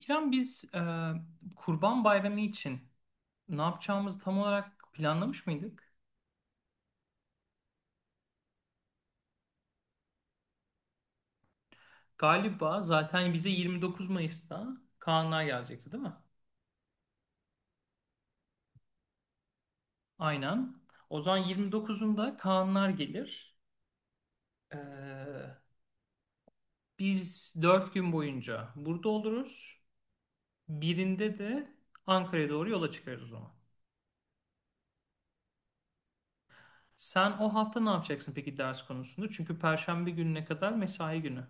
İrem, biz Kurban Bayramı için ne yapacağımızı tam olarak planlamış mıydık? Galiba zaten bize 29 Mayıs'ta Kaanlar gelecekti, değil mi? Aynen. O zaman 29'unda Kaanlar gelir. E, biz 4 gün boyunca burada oluruz. Birinde de Ankara'ya doğru yola çıkarız o zaman. Sen o hafta ne yapacaksın peki, ders konusunda? Çünkü Perşembe gününe kadar mesai günü.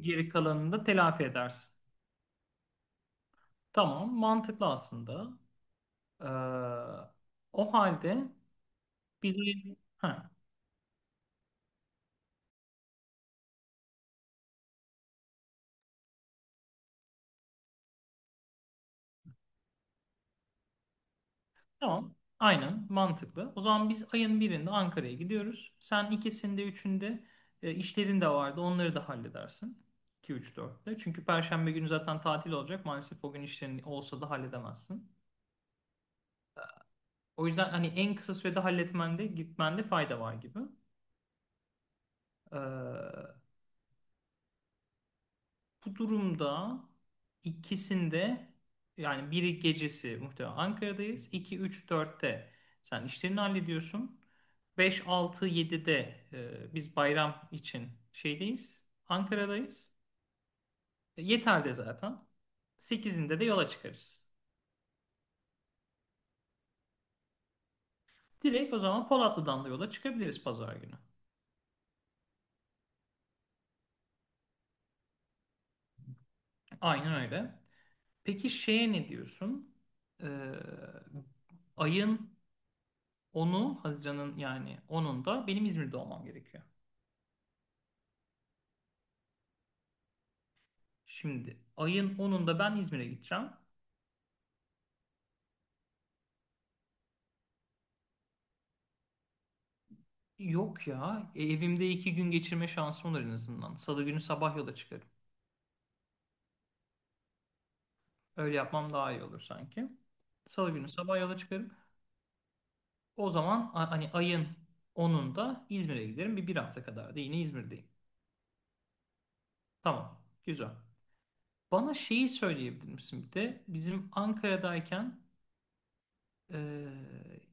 Geri kalanını da telafi edersin. Tamam, mantıklı aslında. Ee, o halde biz ayın... Ha, tamam, aynen mantıklı. O zaman biz ayın birinde Ankara'ya gidiyoruz. Sen ikisinde, üçünde işlerin de vardı. Onları da halledersin. 2, 3, 4'te. Çünkü Perşembe günü zaten tatil olacak. Maalesef o gün işlerin olsa da halledemezsin. O yüzden hani en kısa sürede halletmende, gitmende fayda var gibi. Ee, Bu durumda ikisinde, yani biri gecesi muhtemelen Ankara'dayız. İki 3 dörtte sen işlerini hallediyorsun. Beş 6 7'de biz bayram için şeydeyiz. Ankara'dayız. Yeter'de zaten. Sekizinde de yola çıkarız. Direkt o zaman Polatlı'dan da yola çıkabiliriz pazar günü. Aynen öyle. Peki şeye ne diyorsun? Ee, ayın 10'u, Haziran'ın yani 10'unda benim İzmir'de olmam gerekiyor. Şimdi ayın 10'unda ben İzmir'e gideceğim. Yok ya, evimde 2 gün geçirme şansım olur en azından. Salı günü sabah yola çıkarım. Öyle yapmam daha iyi olur sanki. Salı günü sabah yola çıkarım. O zaman hani ayın 10'unda İzmir'e giderim. Bir hafta kadar da yine İzmir'deyim. Tamam, güzel. Bana şeyi söyleyebilir misin bir de? Bizim Ankara'dayken e,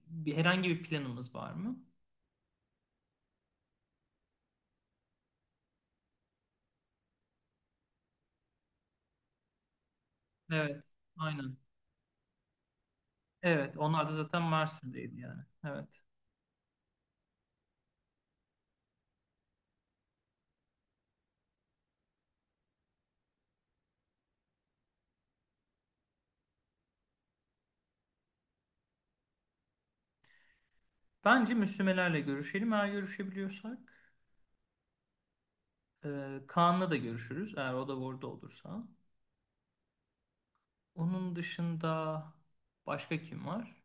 herhangi bir planımız var mı? Evet, aynen. Evet, onlar da zaten Mersin'deydi yani. Evet. Bence Müslümelerle görüşelim. Eğer görüşebiliyorsak Kaan'la da görüşürüz. Eğer o da orada olursa. Onun dışında başka kim var?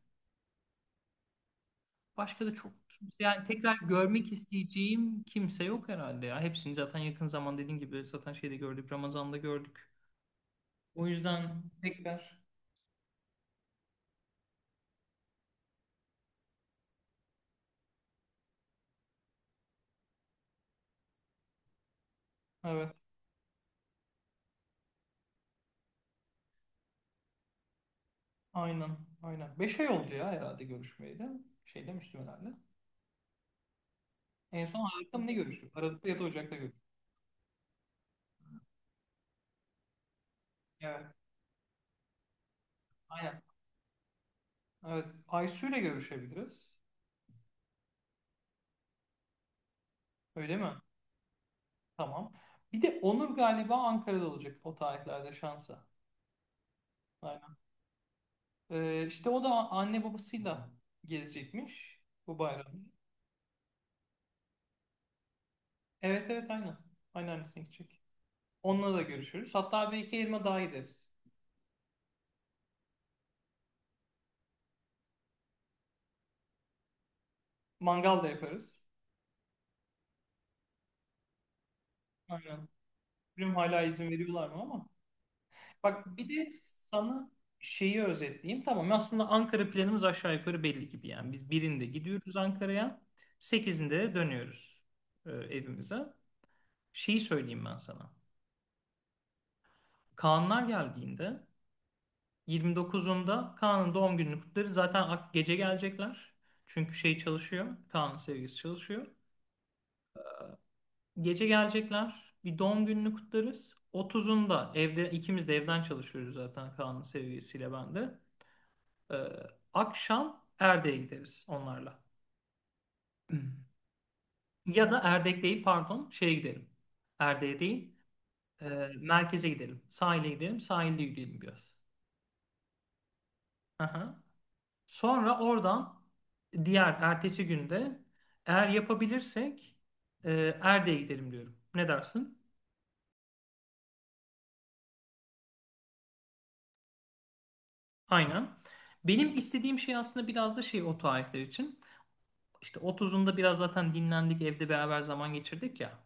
Başka da çok, yani tekrar görmek isteyeceğim kimse yok herhalde ya. Hepsini zaten yakın zaman dediğim gibi zaten şeyde gördük. Ramazan'da gördük. O yüzden tekrar. Evet, aynen, aynen. 5 ay oldu ya herhalde görüşmeyeli. Şeyle, Müslümelerle. En son Aralık'ta mı ne görüştük? Aralık'ta ya da Ocak'ta görüştük. Evet, aynen. Evet. Aysu ile görüşebiliriz. Öyle mi? Tamam. Bir de Onur galiba Ankara'da olacak o tarihlerde şansa. Aynen. İşte o da anne babasıyla gezecekmiş bu bayramı. Evet, evet, aynen. Anneannesine gidecek. Onunla da görüşürüz. Hatta bir iki elma daha gideriz. Mangal da yaparız. Aynen. Bilmiyorum hala izin veriyorlar mı ama. Bak bir de sana şeyi özetleyeyim. Tamam, aslında Ankara planımız aşağı yukarı belli gibi yani. Biz birinde gidiyoruz Ankara'ya. Sekizinde de dönüyoruz evimize. Şeyi söyleyeyim ben sana. Kaanlar geldiğinde 29'unda Kaan'ın doğum gününü kutlarız. Zaten gece gelecekler. Çünkü şey çalışıyor. Kaan'ın sevgilisi çalışıyor. Gece gelecekler. Bir doğum gününü kutlarız. 30'unda evde ikimiz de evden çalışıyoruz zaten, Kaan'ın sevgilisiyle ben de. Ee, akşam Erdek'e gideriz onlarla. Ya da Erdek değil, pardon, şeye gidelim. Erdek'e değil. e, merkeze gidelim. Sahile gidelim. Sahilde yürüyelim biraz. Aha. Sonra oradan, diğer ertesi günde eğer yapabilirsek e, Erdek'e gidelim diyorum. Ne dersin? Aynen. Benim istediğim şey aslında biraz da şey o tarihler için. İşte otuzunda biraz zaten dinlendik, evde beraber zaman geçirdik ya.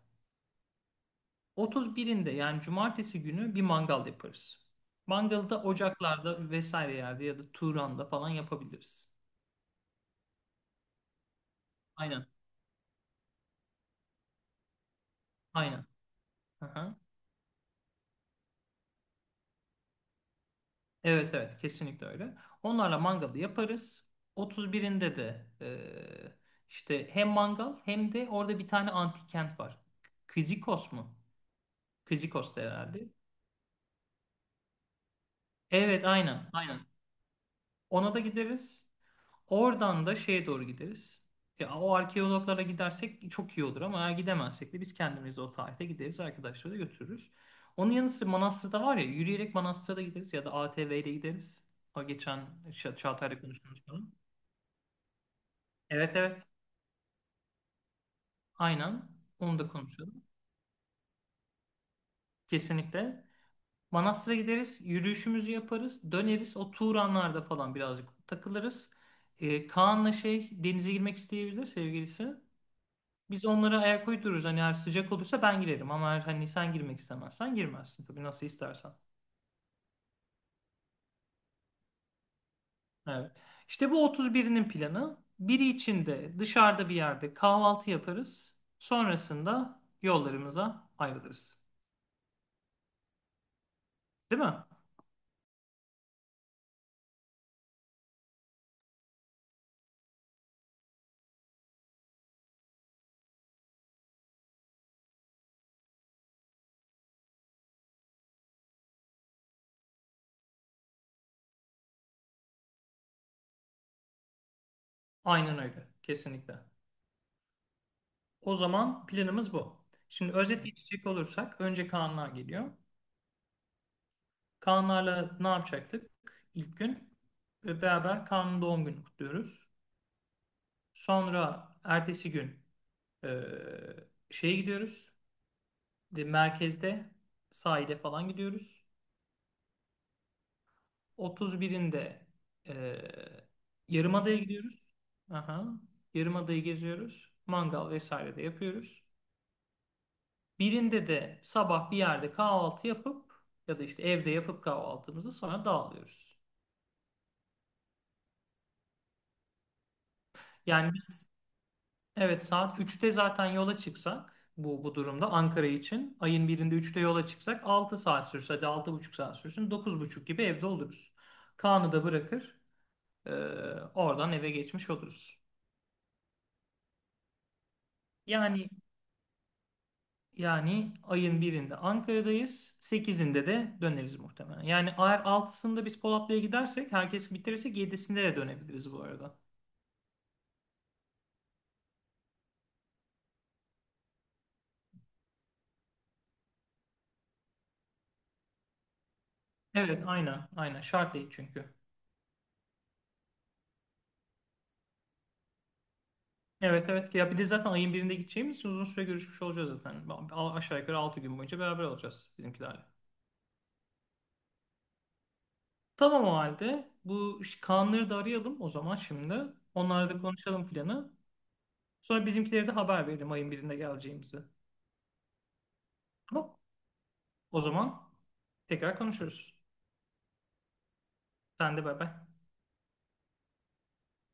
Otuz birinde, yani cumartesi günü bir mangal yaparız. Mangalı da ocaklarda vesaire yerde ya da Turan'da falan yapabiliriz. Aynen. Aynen. Aha. Evet, evet, kesinlikle öyle. Onlarla mangalı yaparız. 31'inde de işte hem mangal hem de orada bir tane antik kent var. Kizikos mu? Kizikos'ta herhalde. Evet, aynen, aynen. Ona da gideriz. Oradan da şeye doğru gideriz. Ya, o arkeologlara gidersek çok iyi olur ama eğer gidemezsek de biz kendimiz de o tarihte gideriz. Arkadaşları da götürürüz. Onun yanı sıra manastırda var ya, yürüyerek manastıra da gideriz ya da ATV ile gideriz. O geçen Çağatay'la konuştuğumuz konu. Evet, evet. Aynen. Onu da konuşalım. Kesinlikle. Manastır'a gideriz. Yürüyüşümüzü yaparız. Döneriz. O Turanlar'da falan birazcık takılırız. Kaan'la şey denize girmek isteyebilir sevgilisi. Biz onlara ayak uydururuz. Hani eğer sıcak olursa ben girerim. Ama eğer hani sen girmek istemezsen girmezsin. Tabii nasıl istersen. Evet. İşte bu otuz birinin planı. Biri içinde dışarıda bir yerde kahvaltı yaparız. Sonrasında yollarımıza ayrılırız. Değil mi? Aynen öyle. Kesinlikle. O zaman planımız bu. Şimdi özet geçecek olursak önce Kaanlar geliyor. Kaanlarla ne yapacaktık ilk gün? Ve beraber Kaan'ın doğum gününü kutluyoruz. Sonra ertesi gün e, şeye gidiyoruz. De, merkezde sahile falan gidiyoruz. 31'inde e, Yarımada'ya gidiyoruz. Aha. Yarımada'yı geziyoruz. Mangal vesaire de yapıyoruz. Birinde de sabah bir yerde kahvaltı yapıp ya da işte evde yapıp kahvaltımızı sonra dağılıyoruz. Yani biz evet saat 3'te zaten yola çıksak bu durumda Ankara için ayın birinde üçte yola çıksak 6 saat sürse, hadi 6,5 saat sürsün, 9:30 gibi evde oluruz. Kaan'ı da bırakır e, oradan eve geçmiş oluruz. Yani yani ayın birinde Ankara'dayız. Sekizinde de döneriz muhtemelen. Yani eğer altısında biz Polatlı'ya gidersek, herkes bitirirsek yedisinde de dönebiliriz bu arada. Evet, aynen, aynen. Şart değil çünkü. Evet, evet. Ya bir de zaten ayın birinde gideceğimiz için uzun süre görüşmüş olacağız zaten. Aşağı yukarı 6 gün boyunca beraber olacağız bizimkilerle. Tamam, o halde. Bu Kaanları da arayalım o zaman şimdi. Onlarla da konuşalım planı. Sonra bizimkilere de haber verelim ayın birinde geleceğimizi. Tamam. O zaman tekrar konuşuruz. Sen de bay bay.